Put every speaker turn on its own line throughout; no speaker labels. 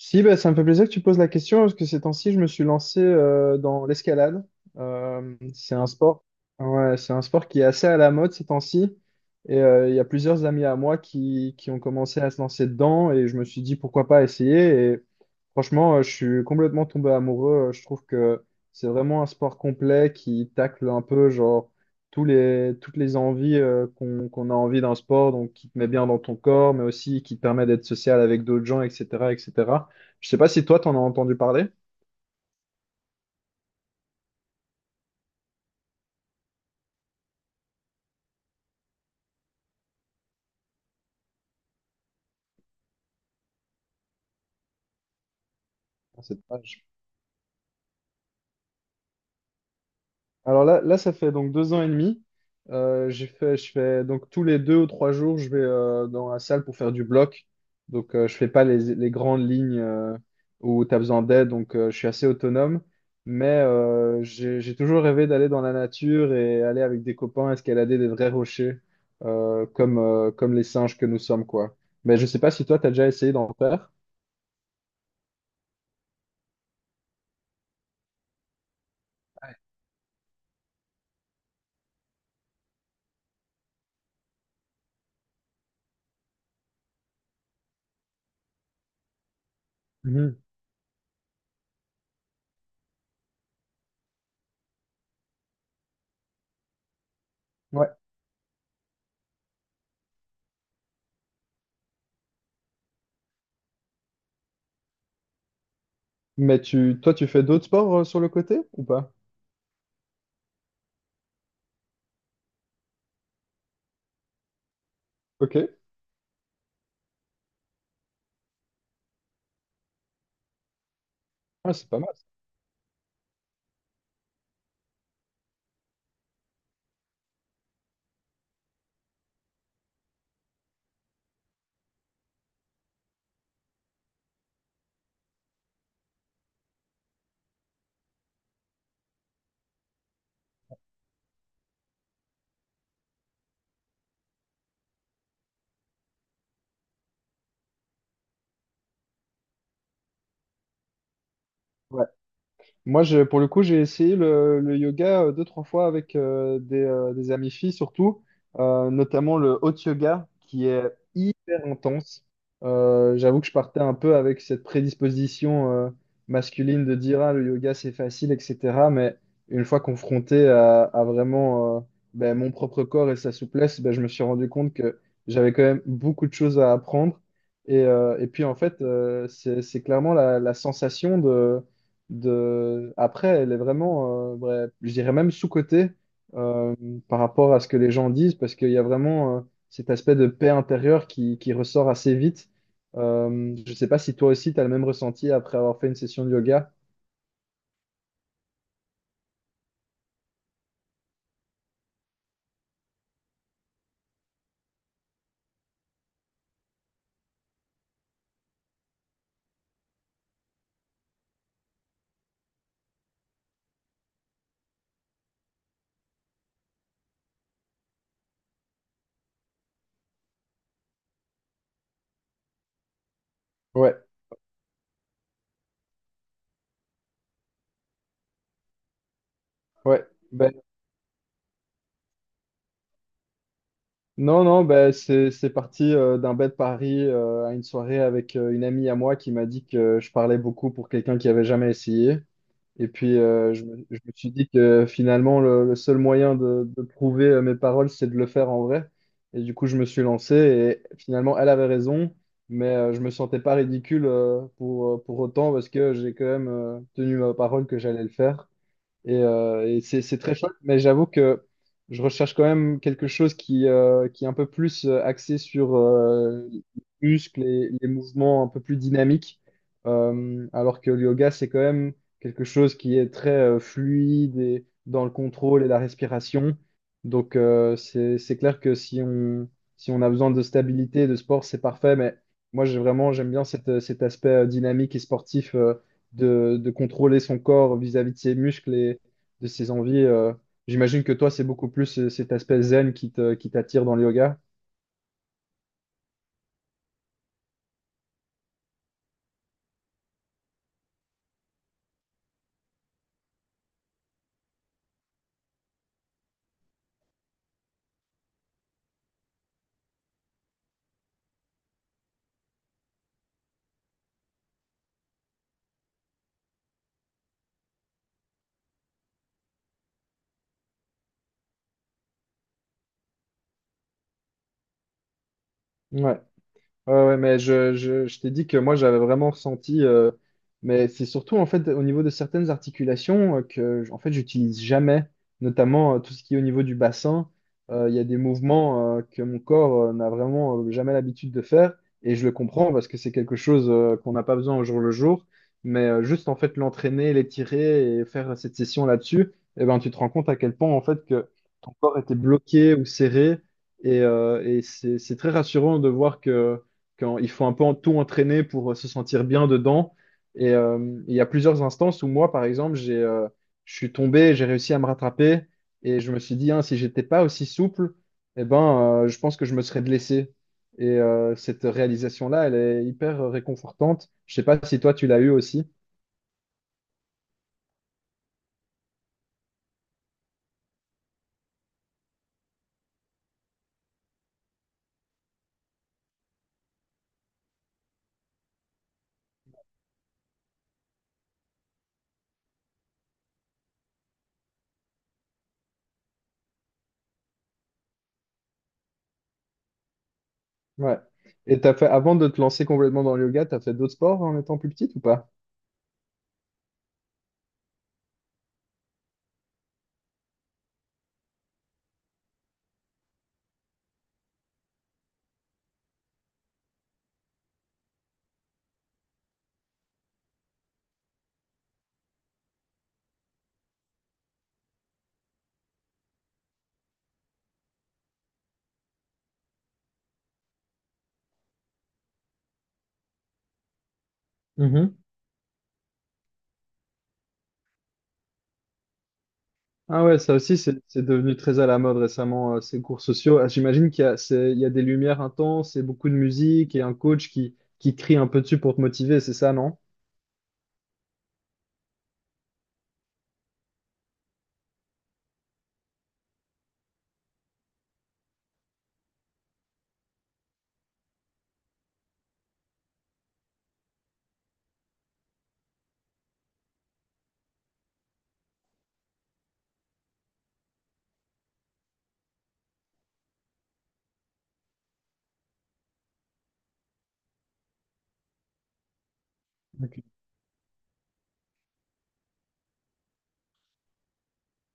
Si, bah, ça me fait plaisir que tu poses la question parce que ces temps-ci, je me suis lancé dans l'escalade. C'est un sport, ouais, c'est un sport qui est assez à la mode ces temps-ci. Et il y a plusieurs amis à moi qui ont commencé à se lancer dedans et je me suis dit pourquoi pas essayer. Et franchement, je suis complètement tombé amoureux. Je trouve que c'est vraiment un sport complet qui tacle un peu genre toutes les envies qu'on a envie d'un sport, donc qui te met bien dans ton corps, mais aussi qui te permet d'être social avec d'autres gens, etc., etc. Je sais pas si toi, t'en as entendu parler. Ah, c'est dommage. Alors là, ça fait donc deux ans et demi. Je fais donc tous les deux ou trois jours, je vais dans la salle pour faire du bloc. Donc je fais pas les grandes lignes où tu as besoin d'aide, donc je suis assez autonome. Mais j'ai toujours rêvé d'aller dans la nature et aller avec des copains escalader des vrais rochers comme, comme les singes que nous sommes, quoi. Mais je sais pas si toi, tu as déjà essayé d'en faire. Mhm. Ouais. Mais toi, tu fais d'autres sports sur le côté ou pas? Ok. Ah, c'est pas mal. Moi, pour le coup, j'ai essayé le yoga deux, trois fois avec des amies filles, surtout, notamment le hot yoga, qui est hyper intense. J'avoue que je partais un peu avec cette prédisposition masculine de dire, ah, le yoga, c'est facile, etc. Mais une fois confronté à vraiment ben, mon propre corps et sa souplesse, ben, je me suis rendu compte que j'avais quand même beaucoup de choses à apprendre. Et puis, en fait, c'est clairement la sensation de Après, elle est vraiment, ouais, je dirais même sous-cotée euh, par rapport à ce que les gens disent, parce qu'il y a vraiment cet aspect de paix intérieure qui ressort assez vite. Je sais pas si toi aussi, tu as le même ressenti après avoir fait une session de yoga. Ouais, ouais. Ben, Non, non, ben, c'est parti d'un bête pari à une soirée avec une amie à moi qui m'a dit que je parlais beaucoup pour quelqu'un qui avait jamais essayé. Et puis, je me suis dit que finalement, le seul moyen de prouver mes paroles, c'est de le faire en vrai. Et du coup, je me suis lancé et finalement, elle avait raison, mais je me sentais pas ridicule pour autant parce que j'ai quand même tenu ma parole que j'allais le faire. Et c'est très chouette, mais j'avoue que je recherche quand même quelque chose qui est un peu plus axé sur les muscles et les mouvements un peu plus dynamiques. Alors que le yoga, c'est quand même quelque chose qui est très fluide et dans le contrôle et la respiration. Donc c'est clair que si on a besoin de stabilité, de sport, c'est parfait. Mais moi, j'aime bien cet aspect dynamique et sportif. De contrôler son corps vis-à-vis de ses muscles de ses envies. J'imagine que toi, c'est beaucoup plus cet aspect zen qui qui t'attire dans le yoga. Ouais. Ouais, ouais, mais je t'ai dit que moi j'avais vraiment ressenti, mais c'est surtout en fait au niveau de certaines articulations en fait j'utilise jamais, notamment tout ce qui est au niveau du bassin. Il y a des mouvements que mon corps n'a vraiment jamais l'habitude de faire et je le comprends parce que c'est quelque chose qu'on n'a pas besoin au jour le jour, mais juste en fait l'entraîner, l'étirer et faire cette session là-dessus, eh ben tu te rends compte à quel point en fait que ton corps était bloqué ou serré et c'est très rassurant de voir que quand il faut un peu tout entraîner pour se sentir bien dedans. Et il y a plusieurs instances où moi, par exemple, je suis tombé, j'ai réussi à me rattraper et je me suis dit, hein, si j'étais pas aussi souple, eh ben, je pense que je me serais blessé. Et cette réalisation-là, elle est hyper réconfortante. Je sais pas si toi, tu l'as eu aussi. Ouais. Et t'as fait, avant de te lancer complètement dans le yoga, t'as fait d'autres sports en étant plus petite ou pas? Ah ouais, ça aussi, c'est devenu très à la mode récemment, ces cours sociaux. Ah, j'imagine qu'il y a, il y a des lumières intenses et beaucoup de musique et un coach qui crie un peu dessus pour te motiver, c'est ça, non? Ok.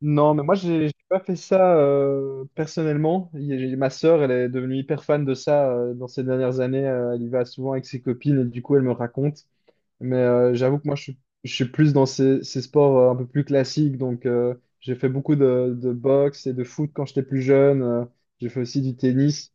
Non, mais moi, j'ai pas fait ça personnellement. Ma sœur, elle est devenue hyper fan de ça dans ces dernières années. Elle y va souvent avec ses copines et du coup, elle me raconte. Mais j'avoue que je suis plus dans ces sports un peu plus classiques. Donc, j'ai fait beaucoup de boxe et de foot quand j'étais plus jeune. J'ai fait aussi du tennis.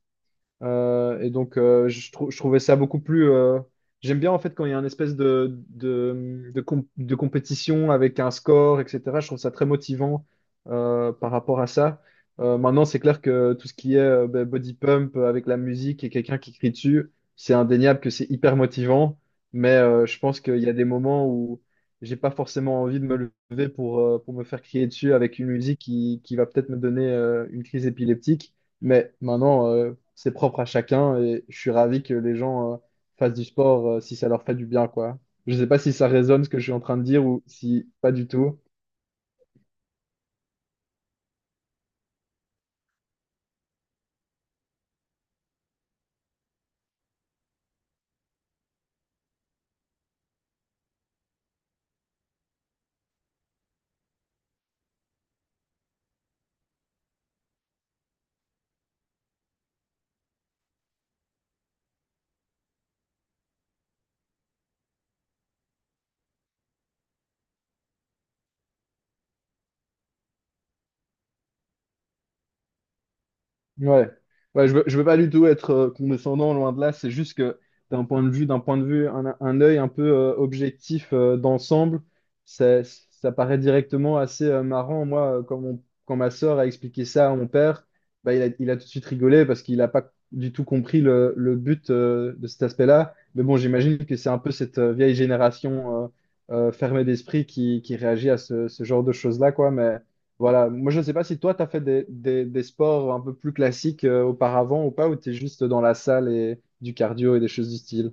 Je trouvais ça beaucoup plus. J'aime bien en fait quand il y a une espèce de compétition avec un score, etc. Je trouve ça très motivant par rapport à ça. Maintenant, c'est clair que tout ce qui est ben, body pump avec la musique et quelqu'un qui crie dessus, c'est indéniable que c'est hyper motivant. Mais je pense qu'il y a des moments où j'ai pas forcément envie de me lever pour me faire crier dessus avec une musique qui va peut-être me donner une crise épileptique. Mais maintenant, c'est propre à chacun et je suis ravi que les gens fassent du sport si ça leur fait du bien, quoi. Je sais pas si ça résonne ce que je suis en train de dire ou si pas du tout. Ouais, ouais, je veux pas du tout être condescendant, loin de là. C'est juste que d'un point de vue, un œil un peu objectif d'ensemble, ça paraît directement assez marrant. Quand ma sœur a expliqué ça à mon père, bah, il a tout de suite rigolé parce qu'il n'a pas du tout compris le but de cet aspect-là. Mais bon, j'imagine que c'est un peu cette vieille génération fermée d'esprit qui réagit à ce genre de choses-là, quoi. Mais voilà, moi je ne sais pas si toi tu as fait des sports un peu plus classiques auparavant ou pas, ou tu es juste dans la salle et du cardio et des choses du style.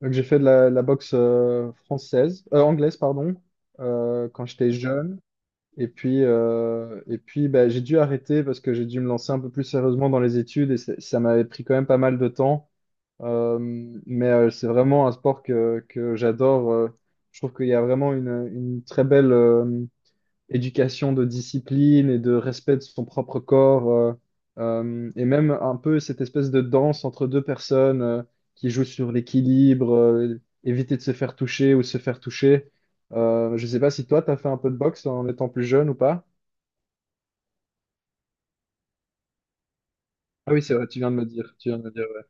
Donc j'ai fait de la boxe française, anglaise, pardon, quand j'étais jeune. Et puis bah, j'ai dû arrêter parce que j'ai dû me lancer un peu plus sérieusement dans les études et ça m'avait pris quand même pas mal de temps. Euh, mais c'est vraiment un sport que j'adore. Je trouve qu'il y a vraiment une très belle... éducation de discipline et de respect de son propre corps, et même un peu cette espèce de danse entre deux personnes qui jouent sur l'équilibre, éviter de se faire toucher ou se faire toucher. Je sais pas si toi, tu as fait un peu de boxe en étant plus jeune ou pas. Ah oui, c'est vrai, tu viens de me dire. Tu viens de me dire, ouais.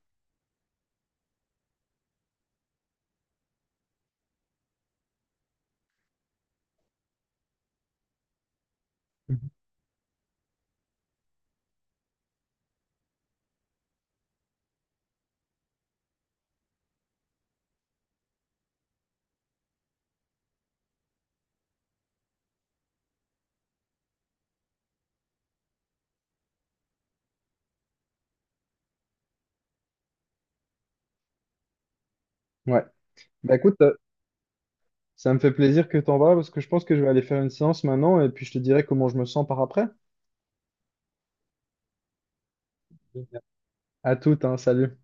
Mhm. Ouais. Bah écoute, ça me fait plaisir que t'en vas parce que je pense que je vais aller faire une séance maintenant et puis je te dirai comment je me sens par après. Génial. À toute, hein, salut.